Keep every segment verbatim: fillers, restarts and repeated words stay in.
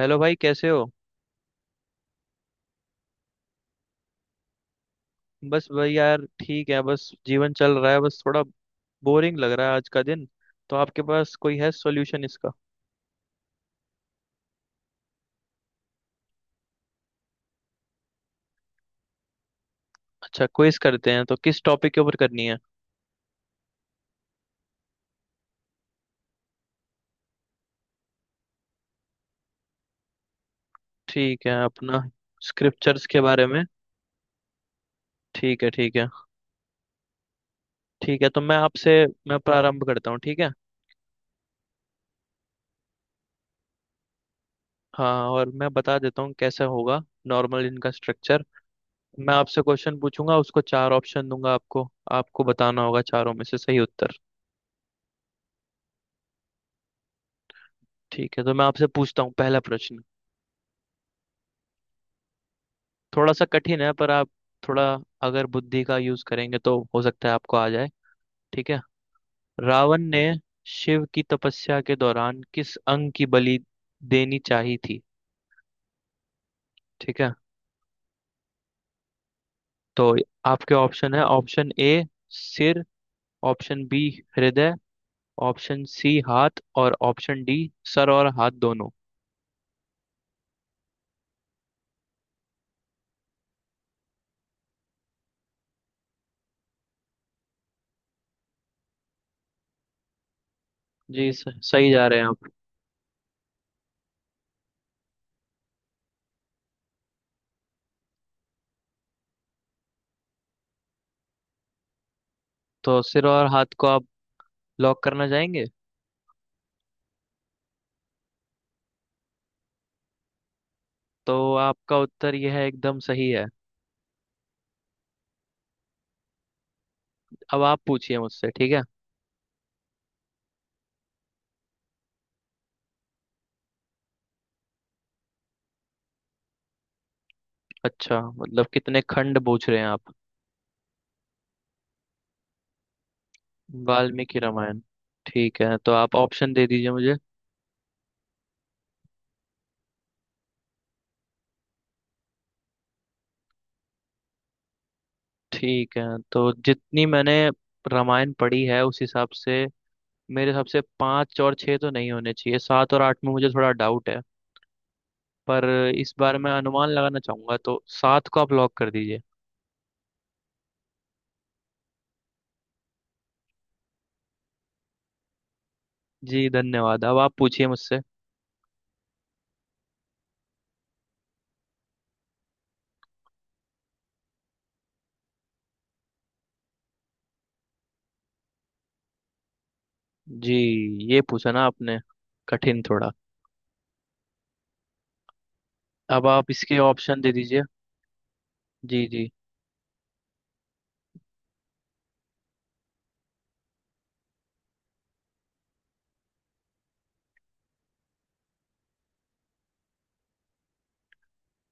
Hello भाई, कैसे हो। बस भाई यार, ठीक है, बस जीवन चल रहा है, बस थोड़ा बोरिंग लग रहा है आज का दिन। तो आपके पास कोई है सॉल्यूशन इसका। अच्छा, क्विज करते हैं तो किस टॉपिक के ऊपर करनी है। ठीक है, अपना स्क्रिप्चर्स के बारे में। ठीक है, ठीक है। ठीक है, तो मैं आपसे मैं प्रारंभ करता हूँ, ठीक है। हाँ, और मैं बता देता हूँ कैसा होगा नॉर्मल इनका स्ट्रक्चर। मैं आपसे क्वेश्चन पूछूंगा, उसको चार ऑप्शन दूंगा आपको। आपको बताना होगा चारों में से सही उत्तर। ठीक है, तो मैं आपसे पूछता हूँ पहला प्रश्न। थोड़ा सा कठिन है पर आप थोड़ा अगर बुद्धि का यूज करेंगे तो हो सकता है आपको आ जाए। ठीक है। रावण ने शिव की तपस्या के दौरान किस अंग की बलि देनी चाहिए थी। ठीक है। तो आपके ऑप्शन है, ऑप्शन ए सिर, ऑप्शन बी हृदय, ऑप्शन सी हाथ और ऑप्शन डी सर और हाथ दोनों। जी, स- सही जा रहे हैं आप। तो सिर और हाथ को आप लॉक करना चाहेंगे। तो आपका उत्तर यह है, एकदम सही है। अब आप पूछिए मुझसे, ठीक है। अच्छा, मतलब कितने खंड पूछ रहे हैं आप। वाल्मीकि रामायण। ठीक है, तो आप ऑप्शन दे दीजिए मुझे। ठीक है, तो जितनी मैंने रामायण पढ़ी है उस हिसाब से मेरे हिसाब से पाँच और छः तो नहीं होने चाहिए, सात और आठ में मुझे थोड़ा डाउट है। पर इस बार मैं अनुमान लगाना चाहूंगा, तो सात को आप लॉक कर दीजिए। जी धन्यवाद, अब आप पूछिए मुझसे। जी, ये पूछा ना आपने, कठिन थोड़ा। अब आप इसके ऑप्शन दे दीजिए। जी जी।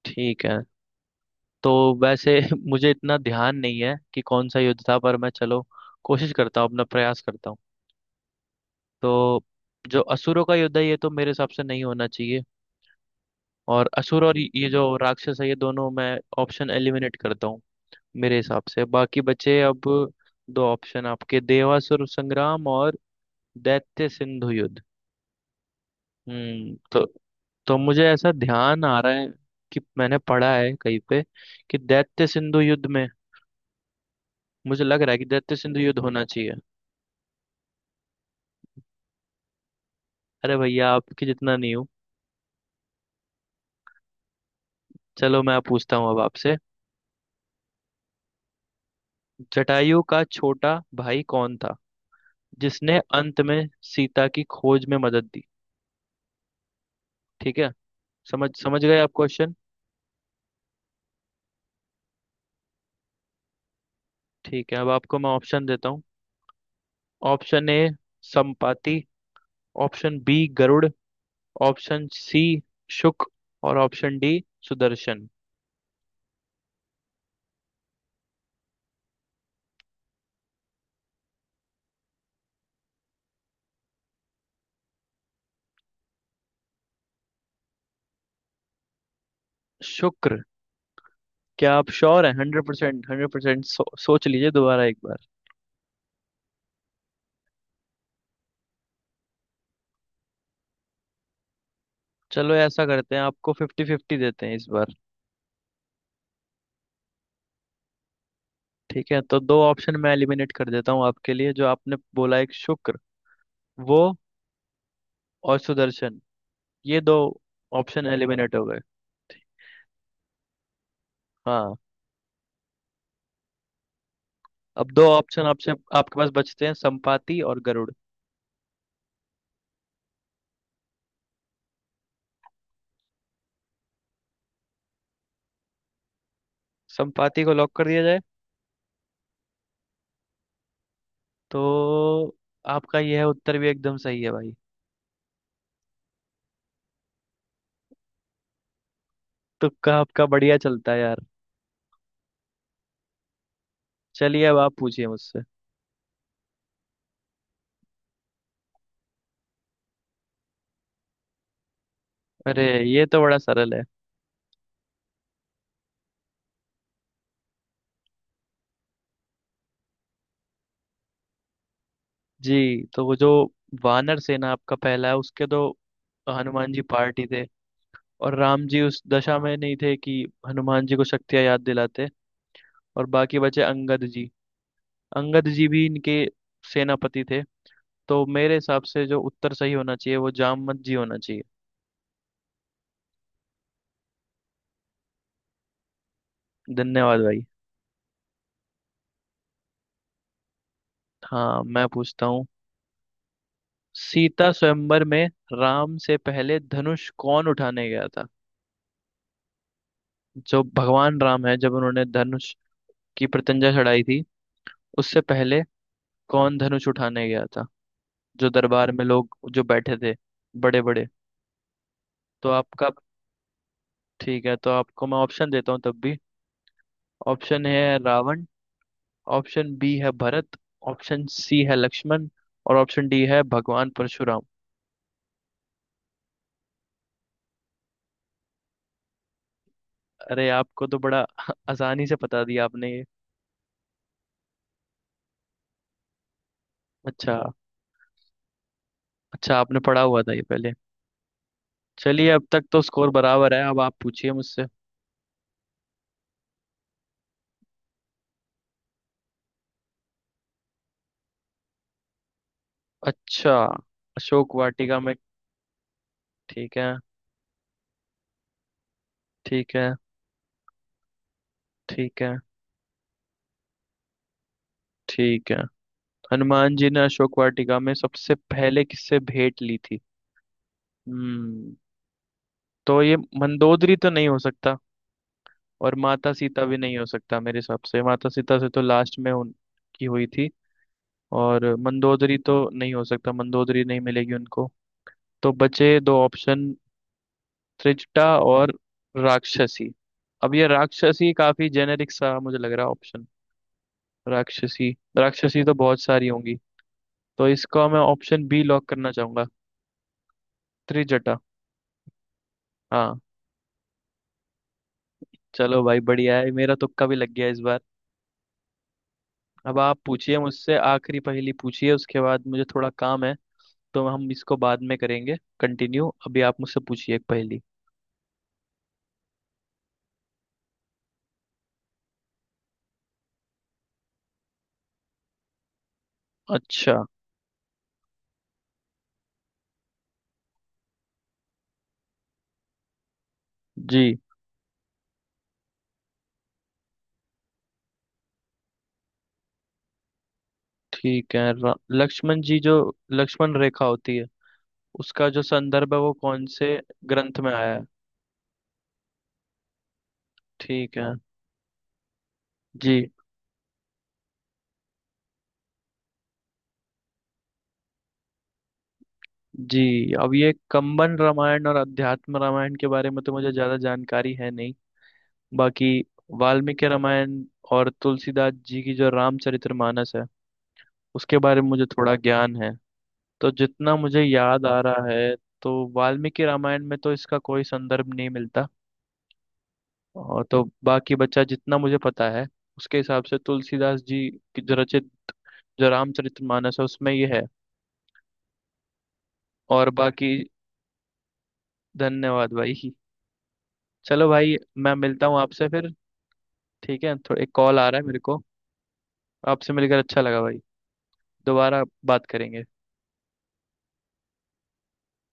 ठीक है, तो वैसे मुझे इतना ध्यान नहीं है कि कौन सा युद्ध था, पर मैं चलो कोशिश करता हूँ, अपना प्रयास करता हूँ। तो जो असुरों का युद्ध है ये तो मेरे हिसाब से नहीं होना चाहिए, और असुर और ये जो राक्षस है ये दोनों मैं ऑप्शन एलिमिनेट करता हूँ। मेरे हिसाब से बाकी बचे अब दो ऑप्शन आपके, देवासुर संग्राम और दैत्य सिंधु युद्ध। हम्म, तो तो मुझे ऐसा ध्यान आ रहा है कि मैंने पढ़ा है कहीं पे कि दैत्य सिंधु युद्ध में, मुझे लग रहा है कि दैत्य सिंधु युद्ध होना चाहिए। अरे भैया, आपके जितना नहीं हूँ। चलो, मैं पूछता हूँ अब आपसे। जटायु का छोटा भाई कौन था जिसने अंत में सीता की खोज में मदद दी। ठीक है। समझ समझ गए आप क्वेश्चन। ठीक है, अब आपको मैं ऑप्शन देता हूँ। Option A Sampati, option B Garuda, option C Shuk और ऑप्शन डी सुदर्शन। शुक्र, क्या आप श्योर हैं हंड्रेड परसेंट हंड्रेड परसेंट। सो, सोच लीजिए दोबारा एक बार। चलो, ऐसा करते हैं, आपको फिफ्टी फिफ्टी देते हैं इस बार। ठीक है, तो दो ऑप्शन मैं एलिमिनेट कर देता हूँ आपके लिए, जो आपने बोला एक शुक्र वो और सुदर्शन, ये दो ऑप्शन एलिमिनेट हो गए। हाँ। अब दो ऑप्शन आपसे आपके पास बचते हैं संपाति और गरुड़। संपाति को लॉक कर दिया जाए। तो आपका यह उत्तर भी एकदम सही है भाई। तुक्का आपका बढ़िया चलता है यार। चलिए, अब आप पूछिए मुझसे। अरे, ये तो बड़ा सरल है। जी, तो वो जो वानर सेना आपका पहला है, उसके तो हनुमान जी पार्टी थे, और राम जी उस दशा में नहीं थे कि हनुमान जी को शक्तियां याद दिलाते। और बाकी बचे अंगद जी, अंगद जी भी इनके सेनापति थे। तो मेरे हिसाब से जो उत्तर सही होना चाहिए वो जामवंत जी होना चाहिए। धन्यवाद भाई। हाँ, मैं पूछता हूँ। सीता स्वयंवर में राम से पहले धनुष कौन उठाने गया था। जो भगवान राम है, जब उन्होंने धनुष की प्रत्यंचा चढ़ाई थी, उससे पहले कौन धनुष उठाने गया था, जो दरबार में लोग जो बैठे थे बड़े बड़े। तो आपका ठीक है, तो आपको मैं ऑप्शन देता हूँ तब भी। ऑप्शन है रावण, ऑप्शन बी है भरत, ऑप्शन सी है लक्ष्मण और ऑप्शन डी है भगवान परशुराम। अरे, आपको तो बड़ा आसानी से बता दिया आपने ये। अच्छा, अच्छा, आपने पढ़ा हुआ था ये पहले। चलिए, अब तक तो स्कोर बराबर है। अब आप पूछिए मुझसे। अच्छा, अशोक वाटिका में। ठीक है। ठीक है। ठीक है। ठीक है। हनुमान जी ने अशोक वाटिका में सबसे पहले किससे भेंट ली थी। हम्म। तो ये मंदोदरी तो नहीं हो सकता, और माता सीता भी नहीं हो सकता, मेरे हिसाब से माता सीता से तो लास्ट में उनकी हुई थी। और मंदोदरी तो नहीं हो सकता, मंदोदरी नहीं मिलेगी उनको। तो बचे दो ऑप्शन, त्रिजटा और राक्षसी। अब ये राक्षसी काफी जेनेरिक सा मुझे लग रहा है ऑप्शन, राक्षसी, राक्षसी तो बहुत सारी होंगी। तो इसको मैं ऑप्शन बी लॉक करना चाहूंगा, त्रिजटा। हाँ। चलो भाई, बढ़िया है, मेरा तुक्का भी लग गया इस बार। अब आप पूछिए मुझसे आखिरी पहेली, पूछिए, उसके बाद मुझे थोड़ा काम है, तो हम इसको बाद में करेंगे कंटिन्यू। अभी आप मुझसे पूछिए एक पहेली। अच्छा। जी। ठीक है, र- लक्ष्मण जी जो लक्ष्मण रेखा होती है, उसका जो संदर्भ है वो कौन से ग्रंथ में आया है। ठीक है। जी जी। अब ये कंबन रामायण और अध्यात्म रामायण के बारे में तो मुझे ज्यादा जानकारी है नहीं। बाकी वाल्मीकि रामायण और तुलसीदास जी की जो रामचरितमानस है उसके बारे में मुझे थोड़ा ज्ञान है। तो जितना मुझे याद आ हाँ रहा है, तो वाल्मीकि रामायण में तो इसका कोई संदर्भ नहीं मिलता। और तो बाकी बचा जितना मुझे पता है, उसके हिसाब से तुलसीदास जी की जो रचित जो रामचरितमानस है उसमें ये है। और बाकी धन्यवाद भाई। चलो भाई, मैं मिलता हूँ आपसे फिर। ठीक है, थोड़ा एक कॉल आ रहा है मेरे को। आपसे मिलकर अच्छा लगा भाई। दोबारा बात करेंगे।